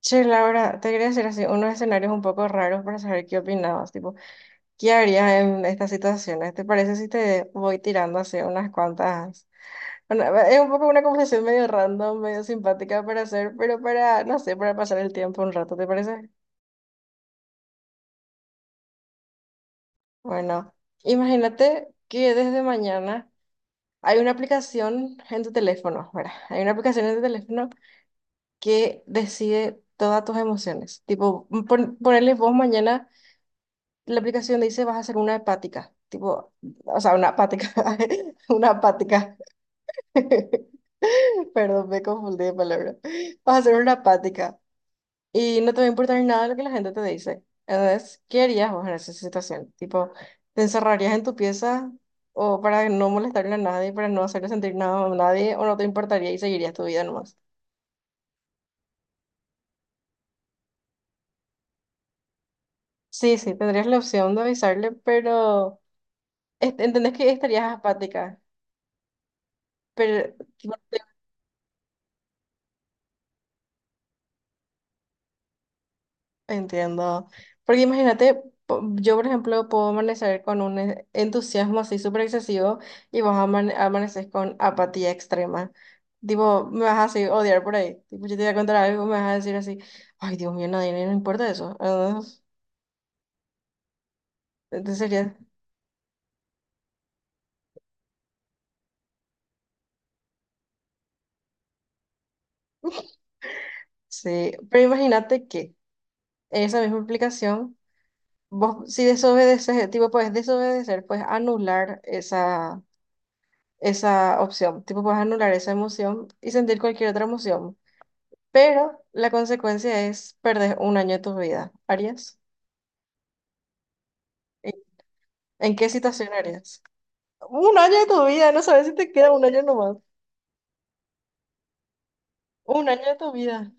Che, Laura, te quería hacer así, unos escenarios un poco raros para saber qué opinabas, tipo, ¿qué harías en estas situaciones? ¿Te parece si te voy tirando así unas cuantas? Bueno, es un poco una conversación medio random, medio simpática para hacer, pero para, no sé, para pasar el tiempo un rato, ¿te parece? Bueno, imagínate que desde mañana hay una aplicación en tu teléfono, ¿verdad? Hay una aplicación en tu teléfono que decide todas tus emociones. Tipo, ponerle vos mañana la aplicación dice vas a hacer una hepática, tipo, o sea, una hepática, una hepática. Perdón, me confundí de palabra. Vas a hacer una apática y no te va a importar nada lo que la gente te dice. Entonces, ¿qué harías vos en esa situación? Tipo, ¿te encerrarías en tu pieza o para no molestarle a nadie, para no hacerle sentir nada a nadie, o no te importaría y seguirías tu vida nomás? Sí, sí, tendrías la opción de avisarle, pero entendés que estarías apática, pero entiendo. Porque imagínate, yo por ejemplo puedo amanecer con un entusiasmo así súper excesivo y vos amaneces con apatía extrema. Tipo, me vas a así odiar por ahí. Tipo, yo te voy a contar algo, me vas a decir así, ay Dios mío, nadie no importa eso. Ah, entonces sería, sí. Pero imagínate que esa misma aplicación, vos si desobedeces, tipo, puedes desobedecer, puedes anular esa, esa opción. Tipo, puedes anular esa emoción y sentir cualquier otra emoción. Pero la consecuencia es perder un año de tu vida. ¿Harías? ¿En qué situación harías? Un año de tu vida, no sabes si te queda un año nomás. Un año de tu vida.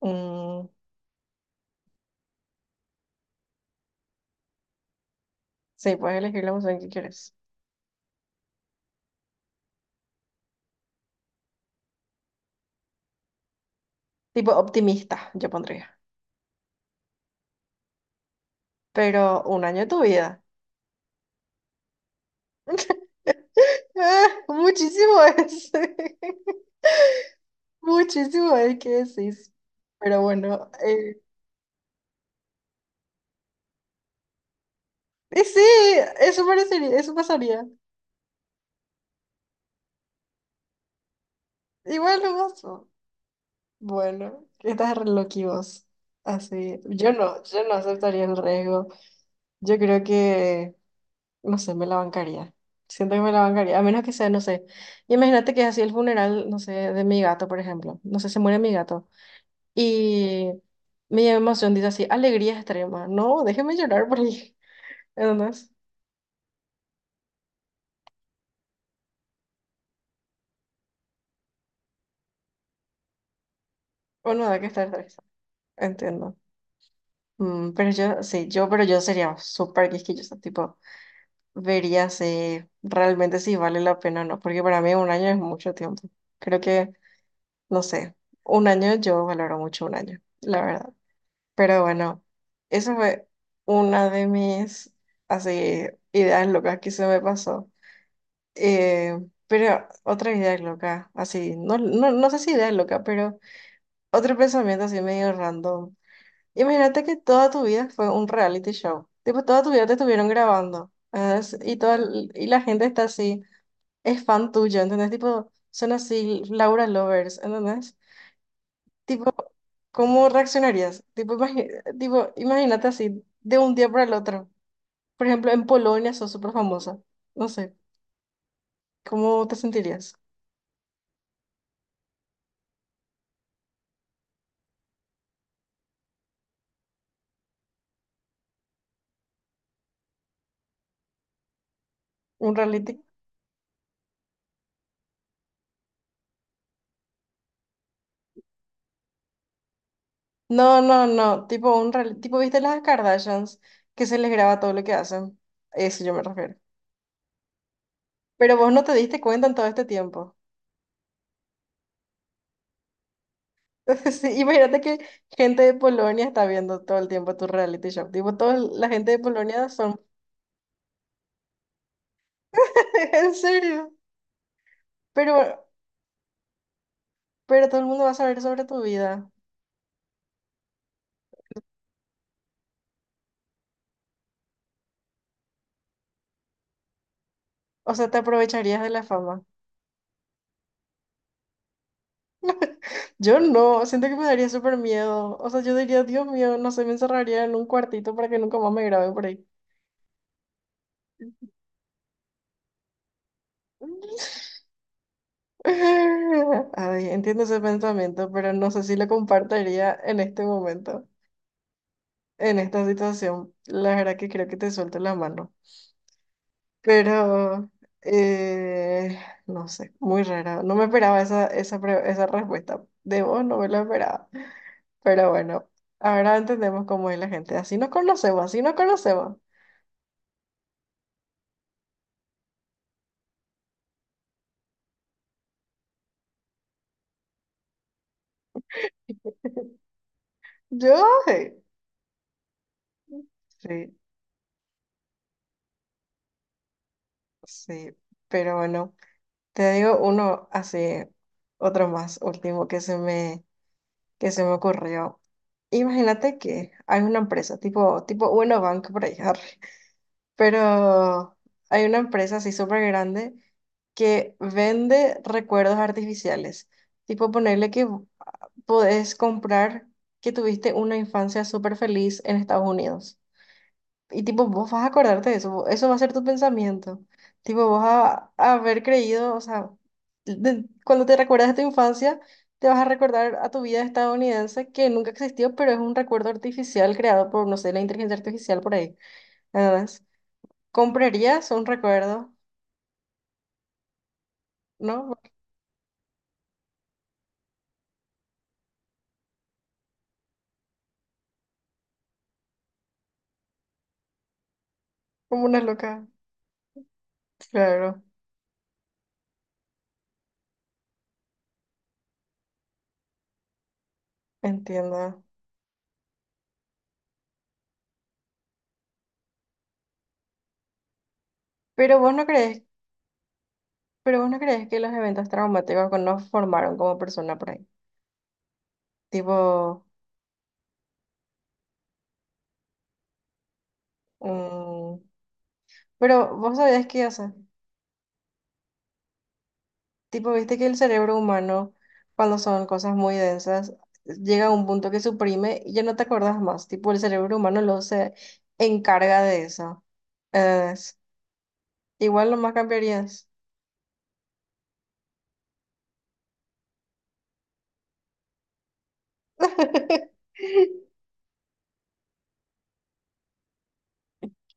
Mm, sí, puedes elegir la emoción que quieres. Tipo optimista, yo pondría. Pero un año de tu vida. Ah, muchísimo es. Muchísimo es que decís. Pero bueno, y sí, eso parecería, eso pasaría. Igual no más. Bueno, estás re loqui vos. Así, yo no aceptaría el riesgo. Yo creo que, no sé, me la bancaría. Siento que me la bancaría, a menos que sea, no sé. Imagínate que es así el funeral, no sé, de mi gato, por ejemplo. No sé, se muere mi gato. Y mi emoción dice así, alegría extrema. No, déjeme llorar por ahí. ¿Entendés? Uno da que estar triste. Entiendo. Mm, pero yo sería súper quisquillosa, tipo. Vería si realmente si vale la pena o no, porque para mí un año es mucho tiempo. Creo que, no sé, un año yo valoro mucho un año, la verdad. Pero bueno, eso fue una de mis así ideas locas que se me pasó. Eh, pero otra idea loca, así, no sé si idea loca, pero otro pensamiento así medio random. Imagínate que toda tu vida fue un reality show. Tipo, toda tu vida te estuvieron grabando. ¿Entendés? Y, toda, y la gente está así es fan tuyo, ¿entendés? Tipo, son así Laura Lovers, ¿entendés? Tipo, ¿cómo reaccionarías? Tipo, tipo, imagínate así, de un día para el otro. Por ejemplo, en Polonia sos súper famosa. No sé, ¿cómo te sentirías? ¿Un reality? No, no, no, tipo tipo, ¿viste las Kardashians que se les graba todo lo que hacen? A eso yo me refiero. Pero vos no te diste cuenta en todo este tiempo. Sí, imagínate que gente de Polonia está viendo todo el tiempo tu reality show. Tipo, toda la gente de Polonia son en serio. Pero, pero todo el mundo va a saber sobre tu vida. O sea, te aprovecharías de la fama. Yo no, siento que me daría súper miedo. O sea, yo diría, Dios mío, no sé, me encerraría en un cuartito para que nunca más me grabe por ahí. Ay, entiendo ese pensamiento, pero no sé si lo compartiría en este momento, en esta situación. La verdad que creo que te suelto la mano. Pero, eh, no sé, muy rara. No me esperaba esa respuesta. De vos no me lo esperaba. Pero bueno, ahora entendemos cómo es la gente. Así nos conocemos, así nos conocemos. Yo, eh, sí, sí. Pero bueno, te digo uno así, otro más, último que se me ocurrió. Imagínate que hay una empresa tipo, tipo Bueno Banco por ahí, pero hay una empresa así súper grande que vende recuerdos artificiales. Tipo, podés comprar que tuviste una infancia súper feliz en Estados Unidos. Y tipo, vos vas a acordarte de eso, eso va a ser tu pensamiento. Tipo, vos a haber creído, o sea, cuando te recuerdas de tu infancia, te vas a recordar a tu vida estadounidense que nunca existió, pero es un recuerdo artificial creado por, no sé, la inteligencia artificial por ahí. ¿Comprarías un recuerdo? ¿No? Como una loca. Claro, entiendo. Pero vos no crees, pero vos no crees que los eventos traumáticos que nos formaron como persona por ahí. Tipo, mm, pero vos sabías qué hace. Tipo, viste que el cerebro humano, cuando son cosas muy densas, llega a un punto que suprime y ya no te acordás más. Tipo, el cerebro humano lo se encarga de eso. Es- igual nomás cambiarías.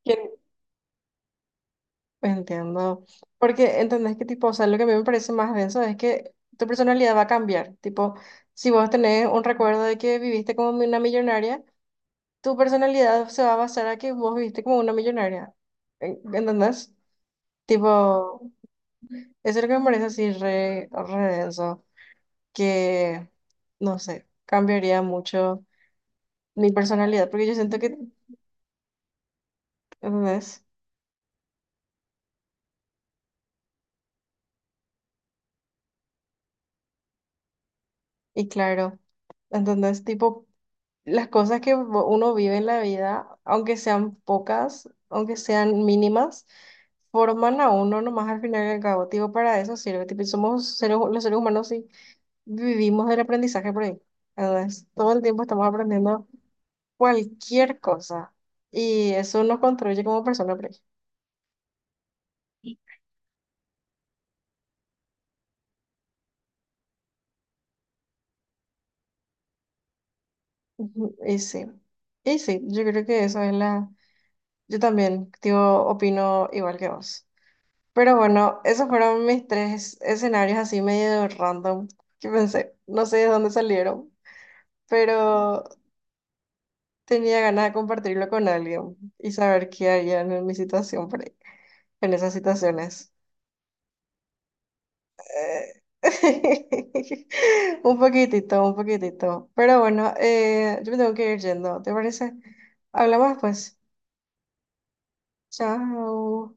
Que entiendo. Porque entendés que tipo, o sea, lo que a mí me parece más denso es que tu personalidad va a cambiar. Tipo, si vos tenés un recuerdo de que viviste como una millonaria, tu personalidad se va a basar a que vos viviste como una millonaria. ¿Entendés? Tipo, eso es lo que me parece así re, re denso, que, no sé, cambiaría mucho mi personalidad, porque yo siento que, ¿entendés? Y claro, ¿entendés? Tipo, las cosas uno vive en la vida, aunque sean pocas, aunque sean mínimas, forman a uno nomás al final y al cabo. Tipo, para eso sirve. Tipo, somos los seres humanos y vivimos del aprendizaje por ahí. Entonces, todo el tiempo estamos aprendiendo cualquier cosa y eso nos construye como persona por ahí. Ujú, y sí, y sí, yo creo que eso es la... Yo también, tío, opino igual que vos. Pero bueno, esos fueron mis tres escenarios así medio random que pensé, no sé de dónde salieron, pero tenía ganas de compartirlo con alguien y saber qué harían en mi situación por ahí, en esas situaciones. Eh, un poquitito, un poquitito. Pero bueno, yo me tengo que ir yendo, ¿te parece? Hablamos pues. Chao.